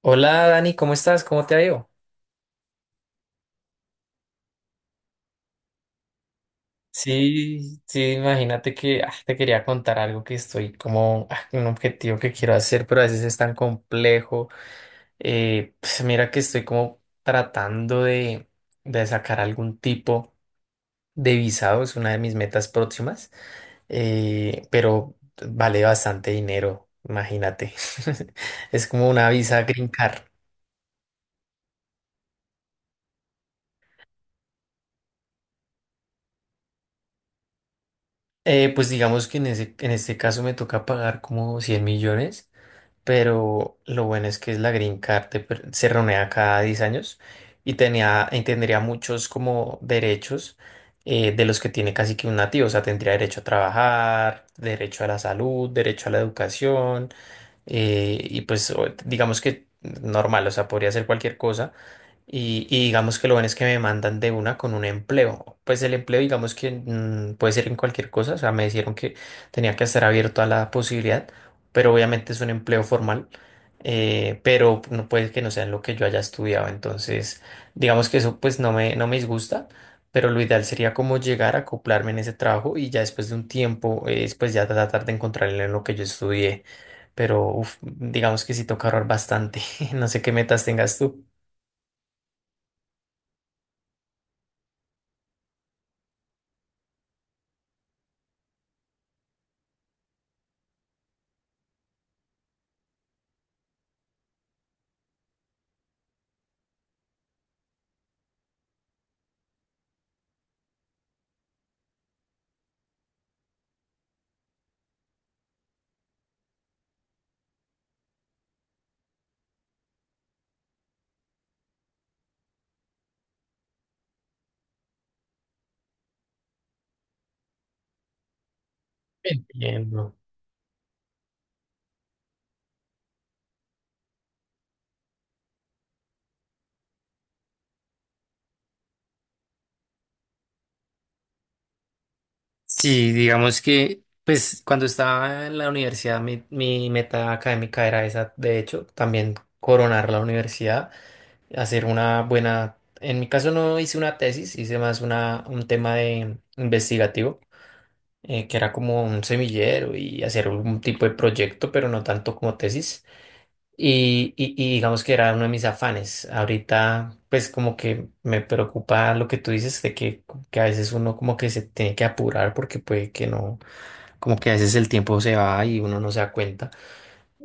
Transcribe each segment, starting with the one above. Hola Dani, ¿cómo estás? ¿Cómo te ha ido? Sí, sí, imagínate que te quería contar algo que estoy como un objetivo que quiero hacer, pero a veces es tan complejo. Pues mira que estoy como tratando de sacar algún tipo de visado, es una de mis metas próximas, pero vale bastante dinero, imagínate. Es como una visa Green Card. Pues digamos que en este caso me toca pagar como 100 millones. Pero lo bueno es que es la Green Card se renueva cada 10 años y y tendría muchos como derechos de los que tiene casi que un nativo, o sea, tendría derecho a trabajar, derecho a la salud, derecho a la educación. Y pues digamos que normal, o sea, podría hacer cualquier cosa. Y digamos que lo bueno es que me mandan de una con un empleo. Pues el empleo, digamos que puede ser en cualquier cosa. O sea, me dijeron que tenía que estar abierto a la posibilidad, pero obviamente es un empleo formal. Pero no puede que no sea en lo que yo haya estudiado. Entonces, digamos que eso pues no me disgusta, pero lo ideal sería como llegar a acoplarme en ese trabajo y ya después de un tiempo, pues ya tratar de encontrarle en lo que yo estudié. Pero uf, digamos que sí toca ahorrar bastante. No sé qué metas tengas tú. Bien, no. Sí, digamos que, pues cuando estaba en la universidad, mi meta académica era esa, de hecho, también coronar la universidad, hacer una buena, en mi caso no hice una tesis, hice más un tema de investigativo, que era como un semillero y hacer un tipo de proyecto, pero no tanto como tesis. Y digamos que era uno de mis afanes. Ahorita, pues como que me preocupa lo que tú dices que a veces uno como que se tiene que apurar porque puede que no, como que a veces el tiempo se va y uno no se da cuenta.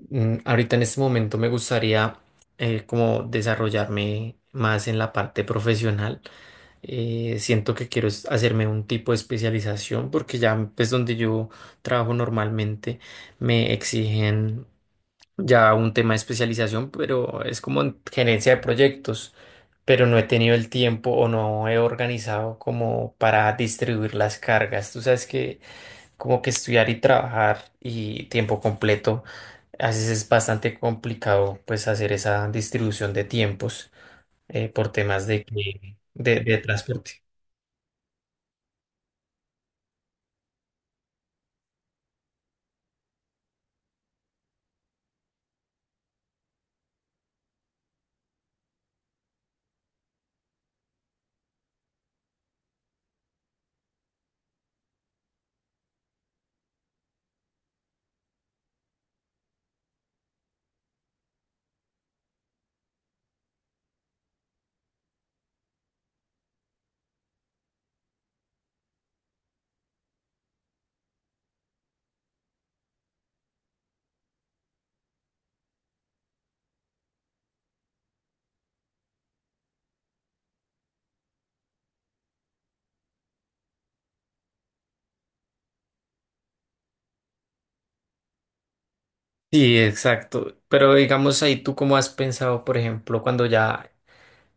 Ahorita en este momento me gustaría como desarrollarme más en la parte profesional. Siento que quiero hacerme un tipo de especialización porque ya pues donde yo trabajo normalmente me exigen ya un tema de especialización, pero es como en gerencia de proyectos. Pero no he tenido el tiempo o no he organizado como para distribuir las cargas. Tú sabes que como que estudiar y trabajar y tiempo completo, a veces es bastante complicado pues hacer esa distribución de tiempos, por temas de transporte. Sí, exacto. Pero digamos ahí, ¿tú cómo has pensado, por ejemplo, cuando ya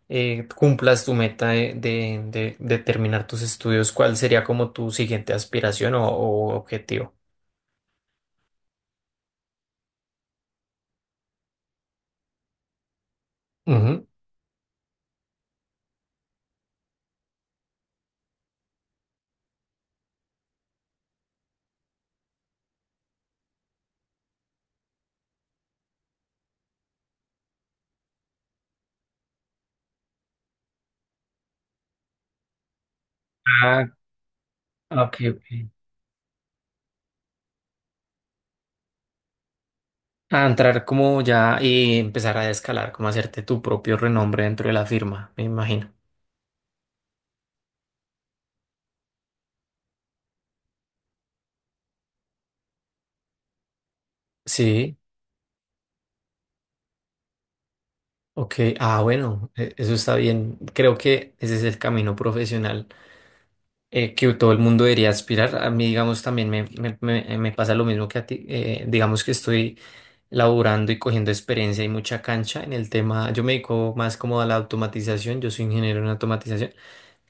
cumplas tu meta de terminar tus estudios, cuál sería como tu siguiente aspiración o objetivo? Ujú. Ah, ok, ok. A entrar como ya y empezar a escalar, como hacerte tu propio renombre dentro de la firma, me imagino. Sí, ok. Ah, bueno, eso está bien. Creo que ese es el camino profesional que todo el mundo debería aspirar. A mí, digamos, también me pasa lo mismo que a ti. Digamos que estoy laborando y cogiendo experiencia y mucha cancha en el tema. Yo me dedico más como a la automatización. Yo soy ingeniero en automatización.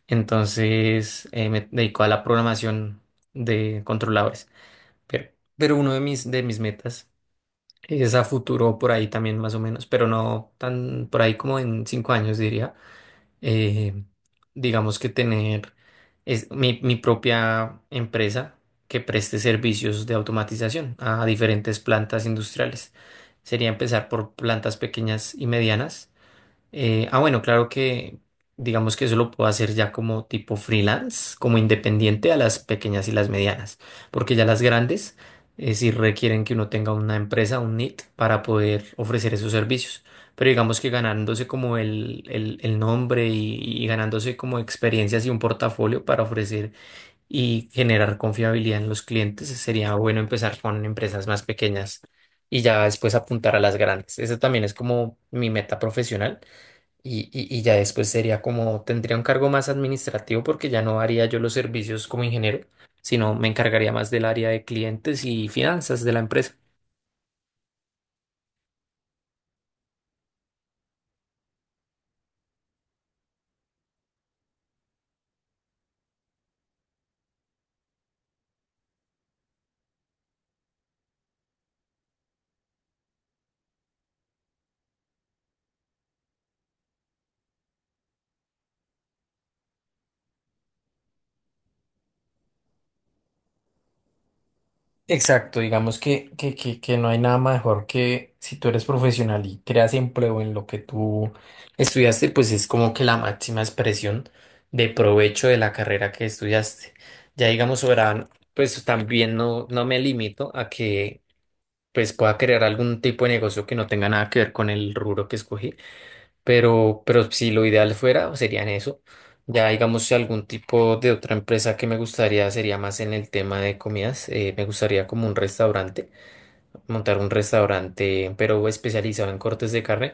Entonces, me dedico a la programación de controladores. Pero, pero uno de mis metas es a futuro por ahí también más o menos, pero no tan por ahí como en 5 años diría. eh, digamos que tener mi propia empresa que preste servicios de automatización a diferentes plantas industriales. Sería empezar por plantas pequeñas y medianas. Bueno, claro que digamos que eso lo puedo hacer ya como tipo freelance, como independiente a las pequeñas y las medianas, porque ya las grandes sí requieren que uno tenga una empresa, un NIT, para poder ofrecer esos servicios. Pero digamos que ganándose como el nombre y ganándose como experiencias y un portafolio para ofrecer y generar confiabilidad en los clientes, sería bueno empezar con empresas más pequeñas y ya después apuntar a las grandes. Esa también es como mi meta profesional y ya después sería como, tendría un cargo más administrativo porque ya no haría yo los servicios como ingeniero, sino me encargaría más del área de clientes y finanzas de la empresa. Exacto, digamos que no hay nada mejor que si tú eres profesional y creas empleo en lo que tú estudiaste, pues es como que la máxima expresión de provecho de la carrera que estudiaste. Ya digamos, soberano, pues también no me limito a que pues pueda crear algún tipo de negocio que no tenga nada que ver con el rubro que escogí, pero si lo ideal fuera, serían eso. Ya digamos, si algún tipo de otra empresa que me gustaría sería más en el tema de comidas, me gustaría como un restaurante, montar un restaurante, pero especializado en cortes de carne.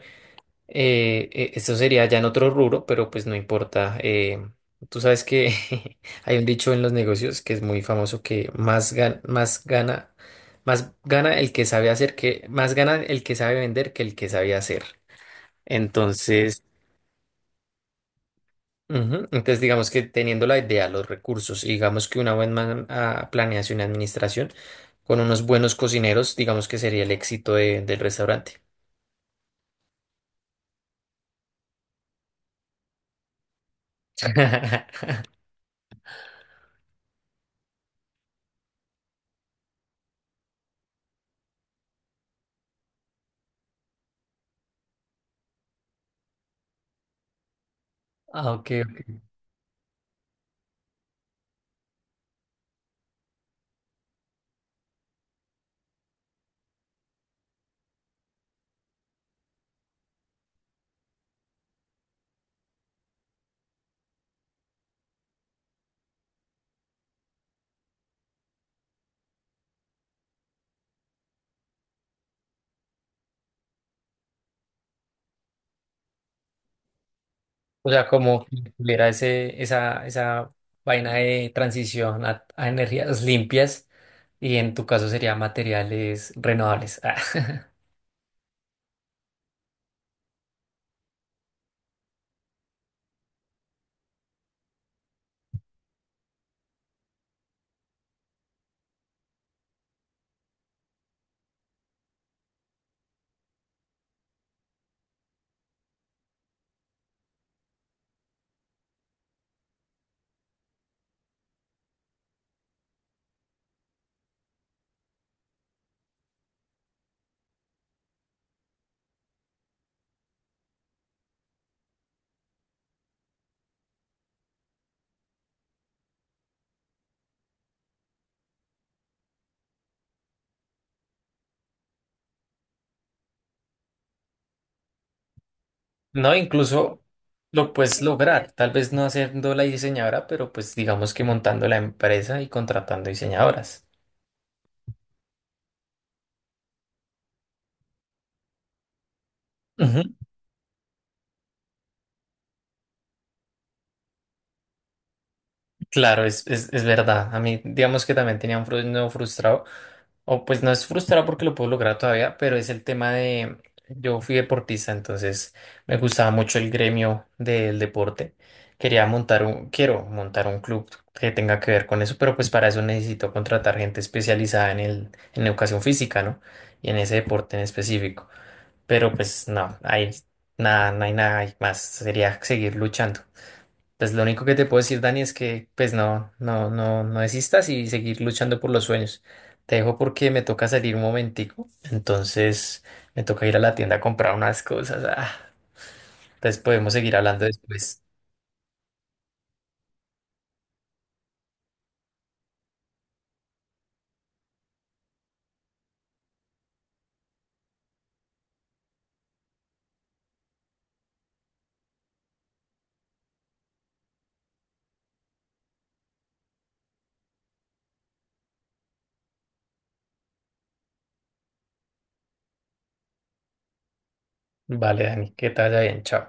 Esto sería ya en otro rubro, pero pues no importa. Tú sabes que hay un dicho en los negocios que es muy famoso que más gana el que sabe hacer más gana el que sabe vender que el que sabe hacer. Entonces, ujú, entonces digamos que teniendo la idea, los recursos, y digamos que una buena planeación y administración con unos buenos cocineros, digamos que sería el éxito del restaurante. Ah, ok. O sea, como que tuviera ese, esa vaina de transición a energías limpias y en tu caso sería materiales renovables. Ah, no, incluso lo puedes lograr, tal vez no haciendo la diseñadora, pero pues digamos que montando la empresa y contratando diseñadoras. Ujú, claro, es verdad. A mí, digamos que también tenía un no frustrado. O pues no es frustrado porque lo puedo lograr todavía, pero es el tema de, yo fui deportista, entonces me gustaba mucho el gremio del deporte. Quiero montar un club que tenga que ver con eso, pero pues para eso necesito contratar gente especializada en en educación física, ¿no? Y en ese deporte en específico. Pero pues no hay nada, no hay nada más. Sería seguir luchando. Pues lo único que te puedo decir, Dani, es que pues no desistas y seguir luchando por los sueños. Te dejo porque me toca salir un momentico, entonces me toca ir a la tienda a comprar unas cosas. Ah, entonces podemos seguir hablando después. Vale, Dani, que te vaya bien, chao.